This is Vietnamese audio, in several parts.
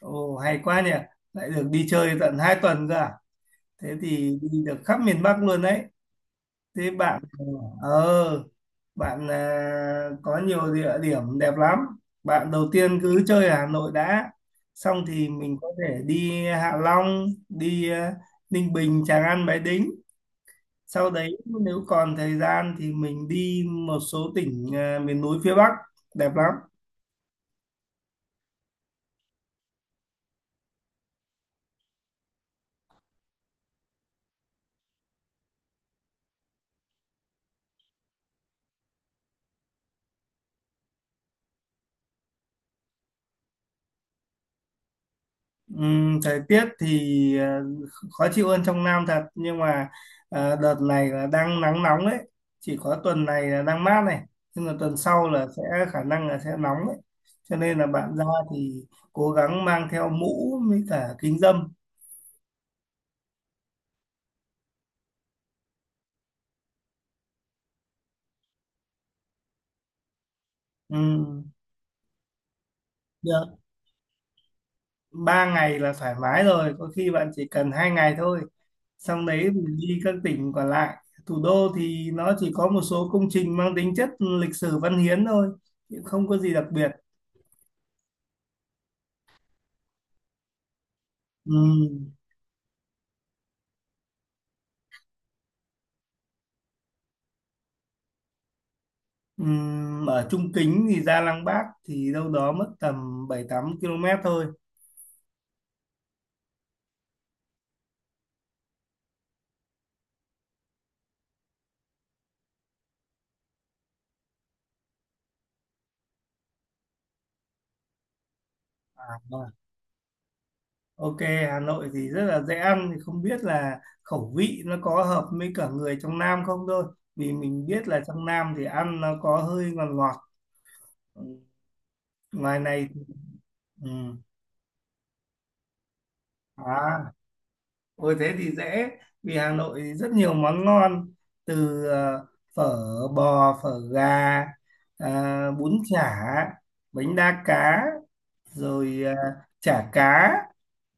Ồ, hay quá nhỉ. Lại được đi chơi tận 2 tuần cơ à? Thế thì đi được khắp miền Bắc luôn đấy. Thế ờ bạn à, có nhiều địa điểm đẹp lắm. Bạn đầu tiên cứ chơi ở Hà Nội đã. Xong thì mình có thể đi Hạ Long, đi Ninh Bình, Tràng An, Bái Đính. Sau đấy nếu còn thời gian thì mình đi một số tỉnh miền núi phía Bắc đẹp lắm. Thời tiết thì khó chịu hơn trong Nam thật, nhưng mà đợt này là đang nắng nóng đấy, chỉ có tuần này là đang mát, này nhưng mà tuần sau là sẽ khả năng là sẽ nóng đấy, cho nên là bạn ra thì cố gắng mang theo mũ với cả kính râm. Ừm, Được ba ngày là thoải mái rồi, có khi bạn chỉ cần 2 ngày thôi, xong đấy mình đi các tỉnh còn lại. Thủ đô thì nó chỉ có một số công trình mang tính chất lịch sử văn hiến thôi, chứ không có gì đặc biệt. Ừ, ở Trung Kính thì ra Lăng Bác thì đâu đó mất tầm 7-8 km thôi. À, vâng. Ok, Hà Nội thì rất là dễ ăn, thì không biết là khẩu vị nó có hợp với cả người trong Nam không thôi. Vì mình biết là trong Nam thì ăn nó có hơi ngọt ngọt. Ừ, ngoài này thì- ừ. À, ôi thế thì dễ, vì Hà Nội thì rất nhiều món ngon, từ phở bò, phở gà, bún chả, bánh đa cá, rồi chả cá,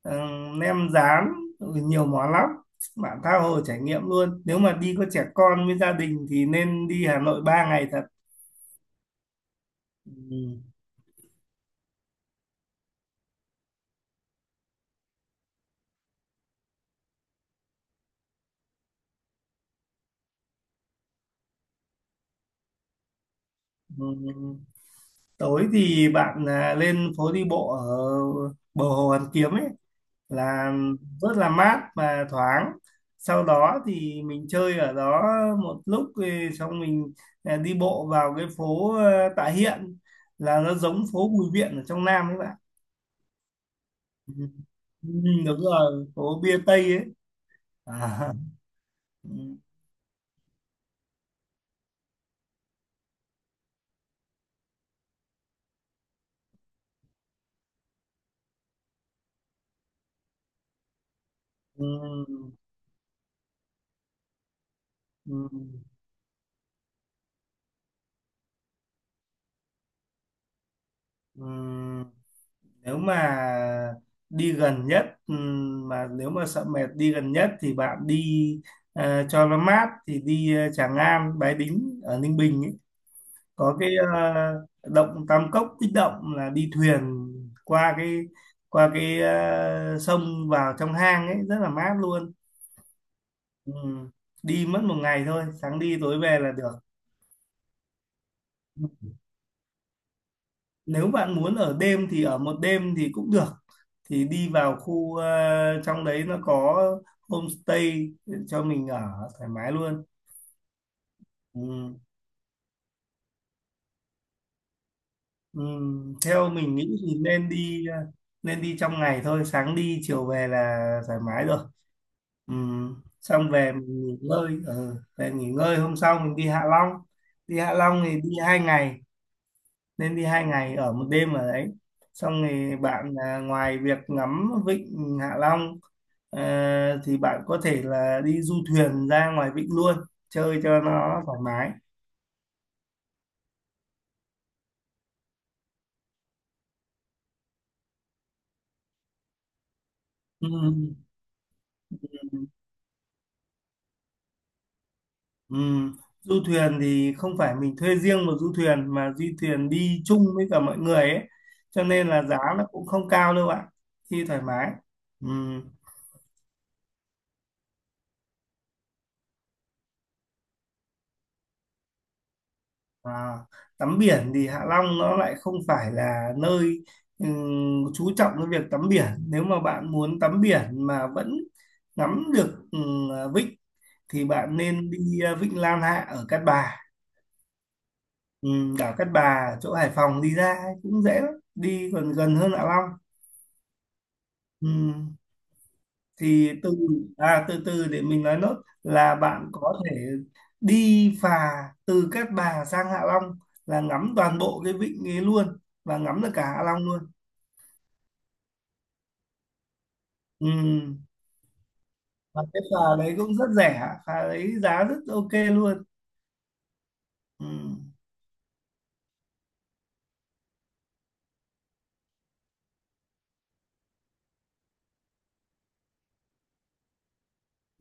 ờ, nem rán, rồi nhiều món lắm, bạn tha hồ trải nghiệm luôn. Nếu mà đi có trẻ con với gia đình thì nên đi Hà Nội 3 ngày thật. Ừ, ừ. Tối thì bạn à, lên phố đi bộ ở bờ hồ Hoàn Kiếm ấy, là rất là mát và thoáng. Sau đó thì mình chơi ở đó một lúc, thì xong mình đi bộ vào cái phố Tạ Hiện, là nó giống phố Bùi Viện ở trong Nam ấy bạn. Ừ, đúng rồi, phố bia Tây ấy à. Ừ, ừ, ừ, ừ. Nếu mà đi gần nhất, mà nếu mà sợ mệt đi gần nhất thì bạn đi cho nó mát thì đi Tràng An Bái Đính ở Ninh Bình ấy. Có cái động Tam Cốc Bích Động, là đi thuyền qua cái sông vào trong hang ấy, rất là mát luôn. Ừ. Đi mất 1 ngày thôi, sáng đi tối về là được. Nếu bạn muốn ở đêm thì ở một đêm thì cũng được, thì đi vào khu trong đấy nó có homestay cho mình ở thoải mái luôn. Ừ. Ừ. Theo mình nghĩ thì nên đi trong ngày thôi, sáng đi chiều về là thoải mái rồi. Ừ. Xong về mình nghỉ ngơi. Ừ. Về nghỉ ngơi, hôm sau mình đi Hạ Long. Đi Hạ Long thì đi 2 ngày, nên đi hai ngày ở 1 đêm ở đấy. Xong thì bạn à, ngoài việc ngắm vịnh Hạ Long, Ờ, thì bạn có thể là đi du thuyền ra ngoài vịnh luôn, chơi cho nó thoải mái. Ừ. Ừ. Du thuyền thì không phải mình thuê riêng một du thuyền, mà du thuyền đi chung với cả mọi người ấy, cho nên là giá nó cũng không cao đâu bạn, đi thoải mái. Ừ. À, tắm biển thì Hạ Long nó lại không phải là nơi chú trọng cái việc tắm biển. Nếu mà bạn muốn tắm biển mà vẫn ngắm được vịnh thì bạn nên đi Vịnh Lan Hạ ở Cát Bà. ừ, Đảo Cát Bà chỗ Hải Phòng đi ra ấy cũng dễ lắm, đi còn gần hơn Hạ Long. ừ, thì từ từ để mình nói nốt, là bạn có thể đi phà từ Cát Bà sang Hạ Long, là ngắm toàn bộ cái vịnh ấy luôn, và ngắm được cả Hạ Long luôn. Ừ. Và cái phà đấy cũng rất rẻ, phà đấy giá rất ok luôn. Ừ.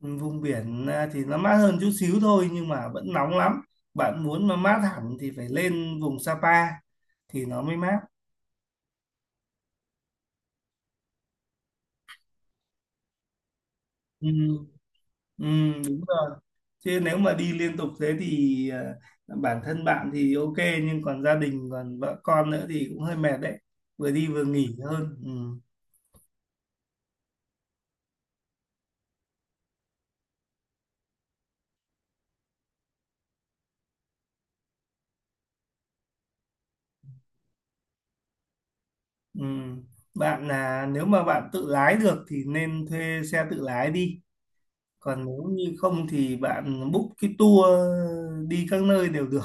Vùng biển thì nó mát hơn chút xíu thôi, nhưng mà vẫn nóng lắm. Bạn muốn mà mát hẳn thì phải lên vùng Sapa thì nó mới mát. Ừ, ừ, đúng rồi. Chứ nếu mà đi liên tục thế thì bản thân bạn thì ok, nhưng còn gia đình còn vợ con nữa thì cũng hơi mệt đấy, vừa đi vừa nghỉ hơn. Ừ, ừ. Bạn là nếu mà bạn tự lái được thì nên thuê xe tự lái đi, còn nếu như không thì bạn book cái tour đi các nơi đều được.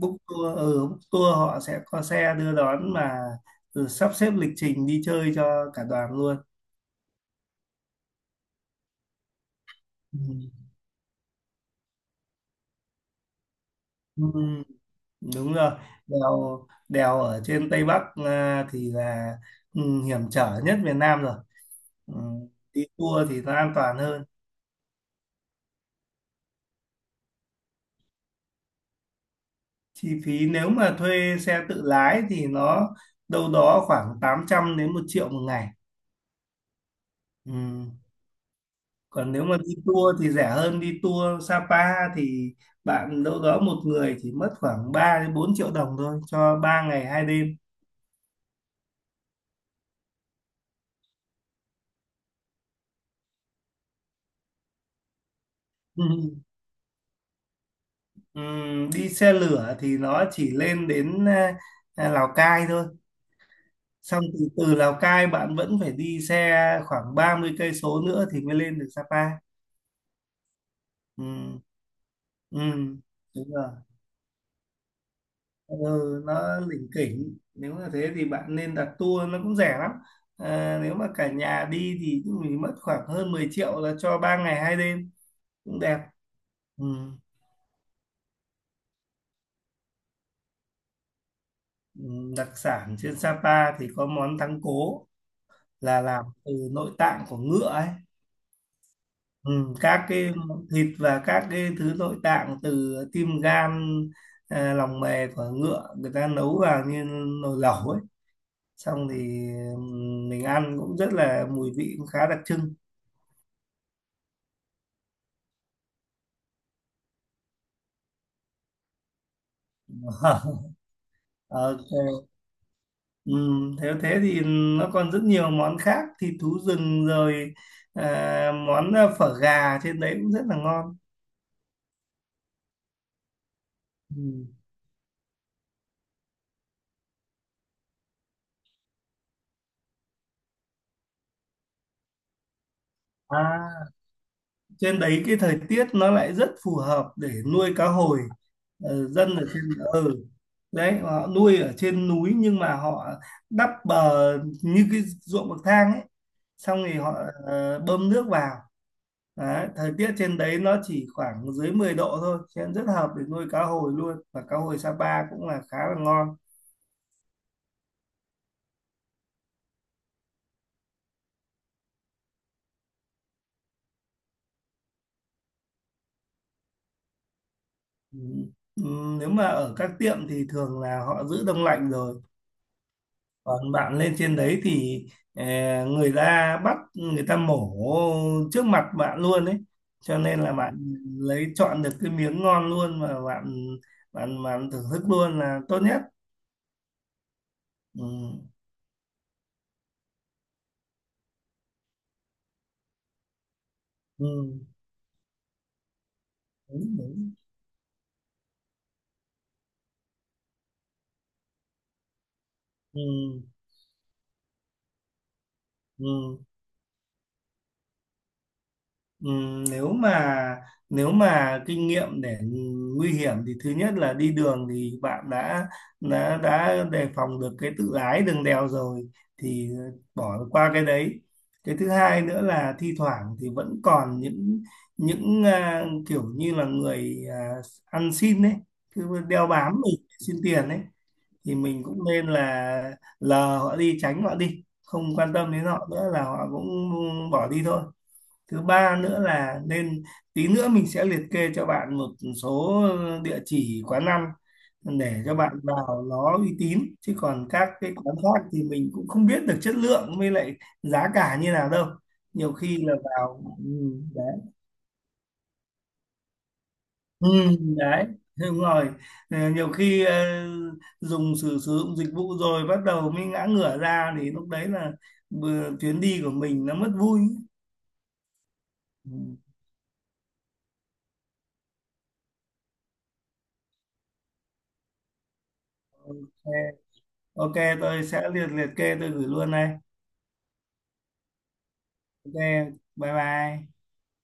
Book tour họ sẽ có xe đưa đón mà, ừ, sắp xếp lịch trình đi chơi cho cả đoàn luôn. Ừ. Ừ, đúng rồi, đèo đèo ở trên Tây Bắc thì là hiểm trở nhất Việt Nam rồi. Ừ. Đi tour thì nó an toàn hơn. Chi phí nếu mà thuê xe tự lái thì nó đâu đó khoảng 800 đến 1 triệu một ngày. Ừ. Còn nếu mà đi tour thì rẻ hơn, đi tour Sapa thì bạn đâu đó một người chỉ mất khoảng 3 đến 4 triệu đồng thôi cho 3 ngày 2 đêm. Ừ. Đi xe lửa thì nó chỉ lên đến Lào Cai thôi, xong từ từ Lào Cai bạn vẫn phải đi xe khoảng 30 cây số nữa thì mới lên được Sapa. Ừm, ừm, đúng rồi. Ừ, nó lỉnh kỉnh, nếu mà thế thì bạn nên đặt tour nó cũng rẻ lắm. À, nếu mà cả nhà đi thì mình mất khoảng hơn 10 triệu là cho 3 ngày 2 đêm, cũng đẹp. Ừ. Ừ, đặc sản trên Sapa thì có món thắng cố, là làm từ nội tạng của ngựa ấy. Ừ, các cái món thịt và các cái thứ nội tạng từ tim gan, lòng mề của ngựa, người ta nấu vào như nồi lẩu ấy, xong thì mình ăn cũng rất là mùi vị cũng khá đặc trưng. Ok. Nếu thế thì nó còn rất nhiều món khác, thịt thú rừng, rồi món phở gà trên đấy cũng rất là ngon. Ừm. à, Trên đấy cái thời tiết nó lại rất phù hợp để nuôi cá hồi. Dân ở trên đấy họ nuôi ở trên núi, nhưng mà họ đắp bờ như cái ruộng bậc thang ấy, xong thì họ bơm nước vào. Đấy, thời tiết trên đấy nó chỉ khoảng dưới 10 độ thôi, cho nên rất hợp để nuôi cá hồi luôn. Và cá hồi Sapa cũng là khá là ngon. Ừ. Ừ, nếu mà ở các tiệm thì thường là họ giữ đông lạnh rồi. Còn bạn lên trên đấy thì người ta bắt, người ta mổ trước mặt bạn luôn ấy. Cho nên là bạn lấy chọn được cái miếng ngon luôn, mà bạn bạn bạn thưởng thức luôn là tốt nhất. Ừ. Ừ. Đúng, đúng. Ừ. Ừ. Ừm, nếu mà nếu mà kinh nghiệm để nguy hiểm thì thứ nhất là đi đường thì bạn đã đề phòng được cái tự lái đường đèo rồi, thì bỏ qua cái đấy. Cái thứ hai nữa là thi thoảng thì vẫn còn những kiểu như là người ăn xin đấy, cứ đeo bám mình xin tiền đấy, thì mình cũng nên là lờ họ đi, tránh họ đi, không quan tâm đến họ nữa là họ cũng bỏ đi thôi. Thứ ba nữa là nên tí nữa mình sẽ liệt kê cho bạn một số địa chỉ quán ăn để cho bạn vào nó uy tín, chứ còn các cái quán khác thì mình cũng không biết được chất lượng với lại giá cả như nào đâu, nhiều khi là vào đấy. Ừ, đấy đúng rồi. Nhiều khi dùng sử sử dụng dịch vụ rồi bắt đầu mới ngã ngửa ra, thì lúc đấy là chuyến đi của mình nó mất vui. Ừ. Ok, ok, tôi sẽ liệt liệt kê tôi gửi luôn đây. Ok, bye bye.